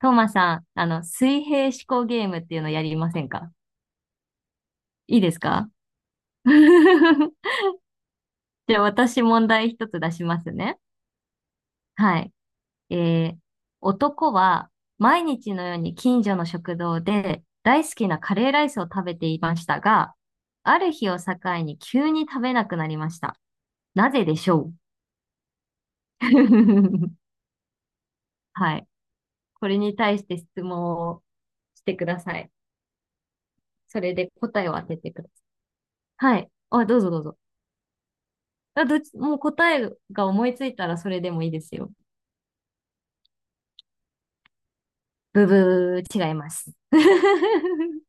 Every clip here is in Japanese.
トーマさん、水平思考ゲームっていうのやりませんか？いいですか？ じゃあ私問題一つ出しますね。はい。えー、男は毎日のように近所の食堂で大好きなカレーライスを食べていましたが、ある日を境に急に食べなくなりました。なぜでしょう？ はい。これに対して質問をしてください。それで答えを当ててください。はい。あ、どうぞどうぞ。あ、どっち、もう答えが思いついたらそれでもいいですよ。ブブー、違います。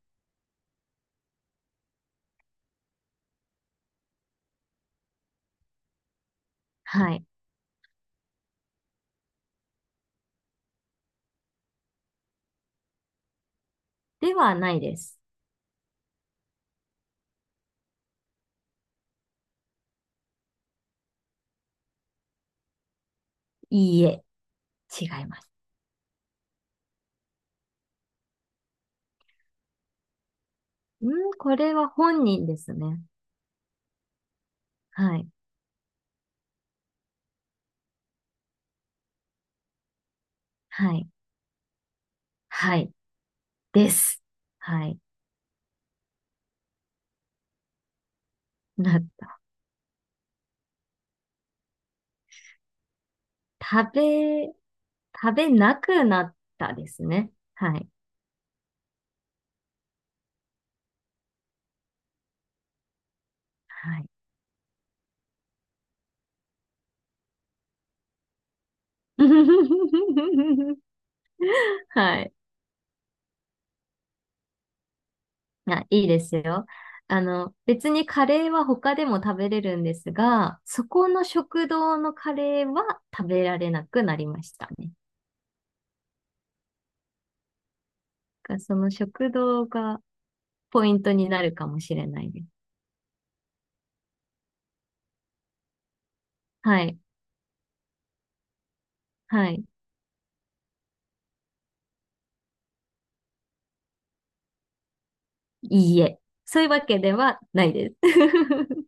はい。ではないです。いいえ、違います。うん、これは本人ですね。はい。はい。はい。です。はい。な、食べ、食べなくなったですね。はい。はい。はい。あ、いいですよ。別にカレーは他でも食べれるんですが、そこの食堂のカレーは食べられなくなりましたね。だからその食堂がポイントになるかもしれないです。はい。はい。いいえ。そういうわけではないです。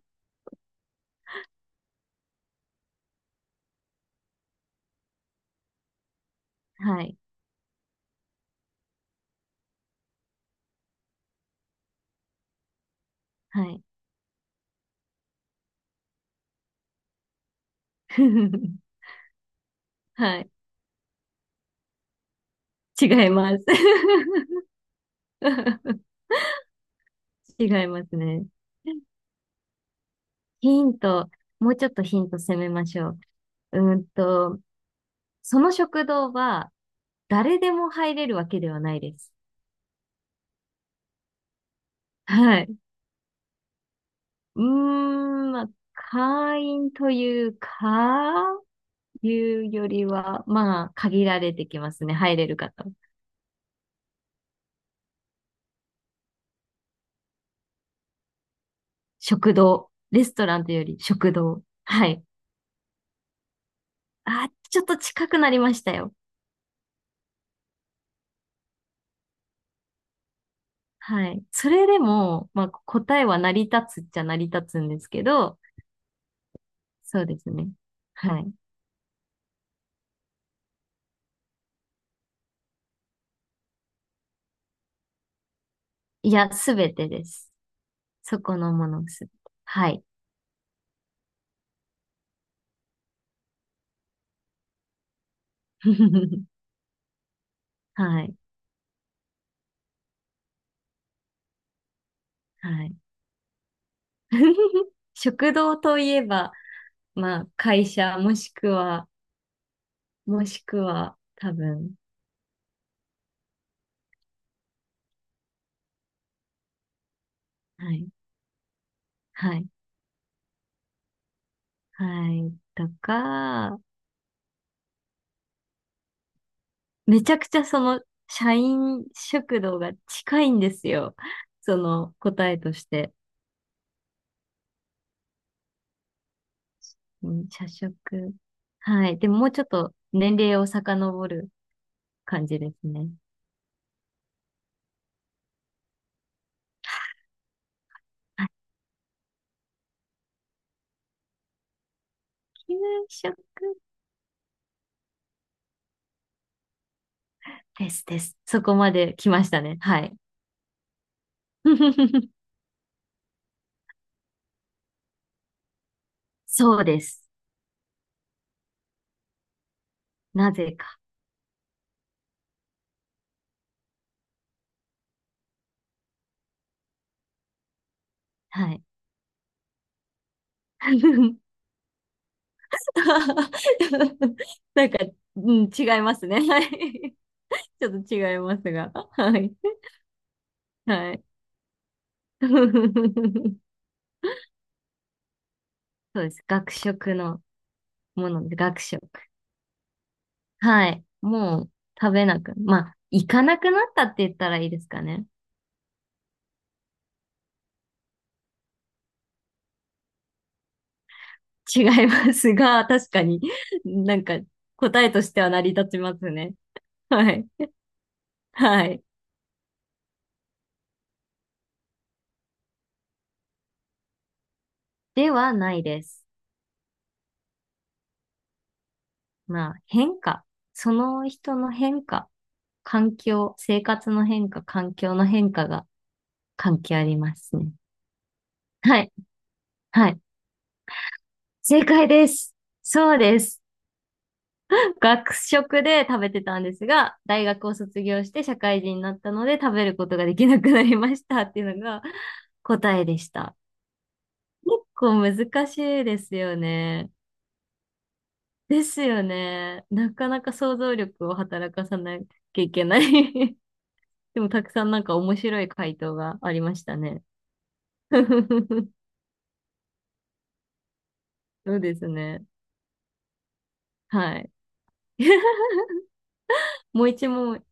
はい。はい。はい。違います。違いますね。ヒント。もうちょっとヒント攻めましょう。うーんと、その食堂は誰でも入れるわけではないです。はい。まあ、会員というか、いうよりは、まあ、限られてきますね。入れる方。食堂。レストランというより食堂。はい。あ、ちょっと近くなりましたよ。はい。それでも、まあ、答えは成り立つっちゃ成り立つんですけど、そうですね。はい。いや、すべてです。そこのものすべて。はい。はい。はい。食堂といえば、まあ、会社、もしくは、多分、はい。はい。はい。とか、めちゃくちゃ社員食堂が近いんですよ。その答えとして。うん、社食。はい。でももうちょっと年齢を遡る感じですね。あ、給食ですです。そこまで来ましたね。はい。そうです。なぜか。はい。なんか、うん、違いますね。はい。ちょっと違いますが。はい。はい。そうです。学食のもので、学食。はい。もう食べなく、まあ、行かなくなったって言ったらいいですかね。違いますが、確かになんか答えとしては成り立ちますね。はい。はい。ではないです。まあ、変化。その人の変化。環境、生活の変化、環境の変化が関係ありますね。はい。はい。正解です。そうです。学食で食べてたんですが、大学を卒業して社会人になったので食べることができなくなりましたっていうのが答えでした。結構難しいですよね。ですよね。なかなか想像力を働かさなきゃいけない。 でもたくさんなんか面白い回答がありましたね。そうですね。はい。もう一問。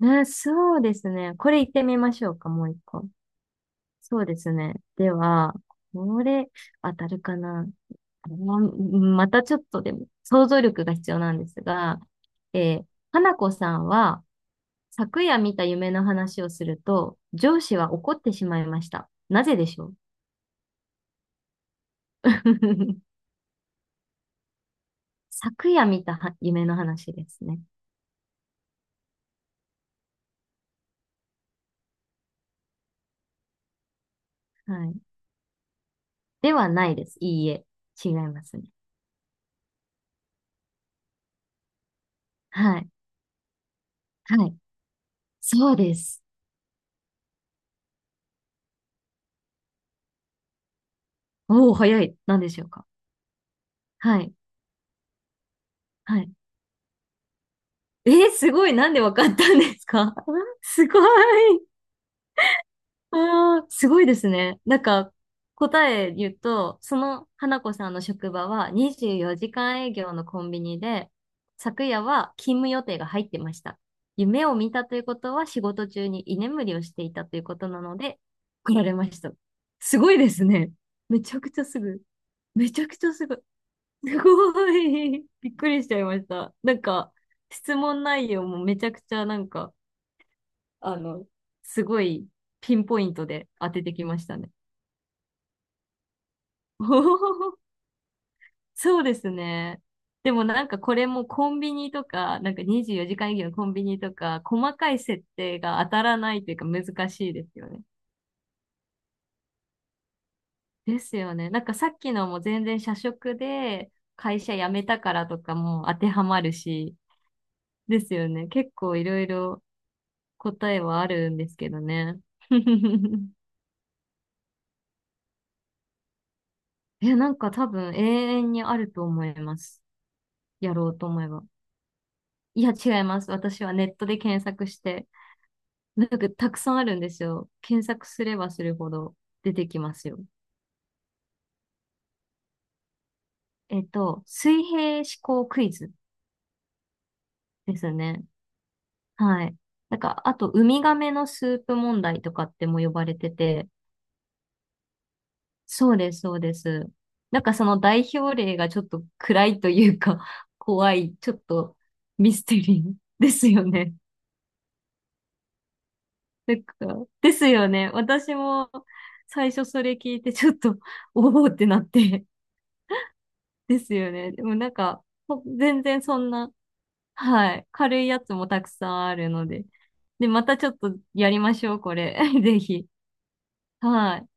ね、そうですね。これ言ってみましょうか、もう一個。そうですね。では、これ、当たるかな。あまたちょっとでも、想像力が必要なんですが、えー、花子さんは、昨夜見た夢の話をすると、上司は怒ってしまいました。なぜでしょう？ 昨夜見たは夢の話ですね。はい。ではないです。いいえ。違いますね。はい。はい。そうです。おお、早い。なんでしょうか？はい。はい。すごい。なんでわかったんですか？ すごい。あー、すごいですね。なんか、答え言うと、その花子さんの職場は24時間営業のコンビニで、昨夜は勤務予定が入ってました。夢を見たということは仕事中に居眠りをしていたということなので、来られました。すごいですね。めちゃくちゃすぐ。めちゃくちゃすぐ。すごい。びっくりしちゃいました。なんか、質問内容もめちゃくちゃなんか、あの、すごいピンポイントで当ててきましたね。おー、そうですね。でもなんかこれもコンビニとか、なんか24時間営業のコンビニとか、細かい設定が当たらないというか難しいですよね。ですよね。なんかさっきのも全然社食で会社辞めたからとかも当てはまるし、ですよね。結構いろいろ答えはあるんですけどね。え、なんか多分永遠にあると思います。やろうと思えば。いや、違います。私はネットで検索して、なんかたくさんあるんですよ。検索すればするほど出てきますよ。水平思考クイズですね。はい。なんか、あと、ウミガメのスープ問題とかっても呼ばれてて、そうです、そうです。なんかその代表例がちょっと暗いというか、怖い、ちょっとミステリー ですよね。なんか、ですよね。私も最初それ聞いてちょっと、おおってなって ですよね。でもなんか、全然そんな、はい、軽いやつもたくさんあるので。で、またちょっとやりましょう、これ。ぜひ。はい。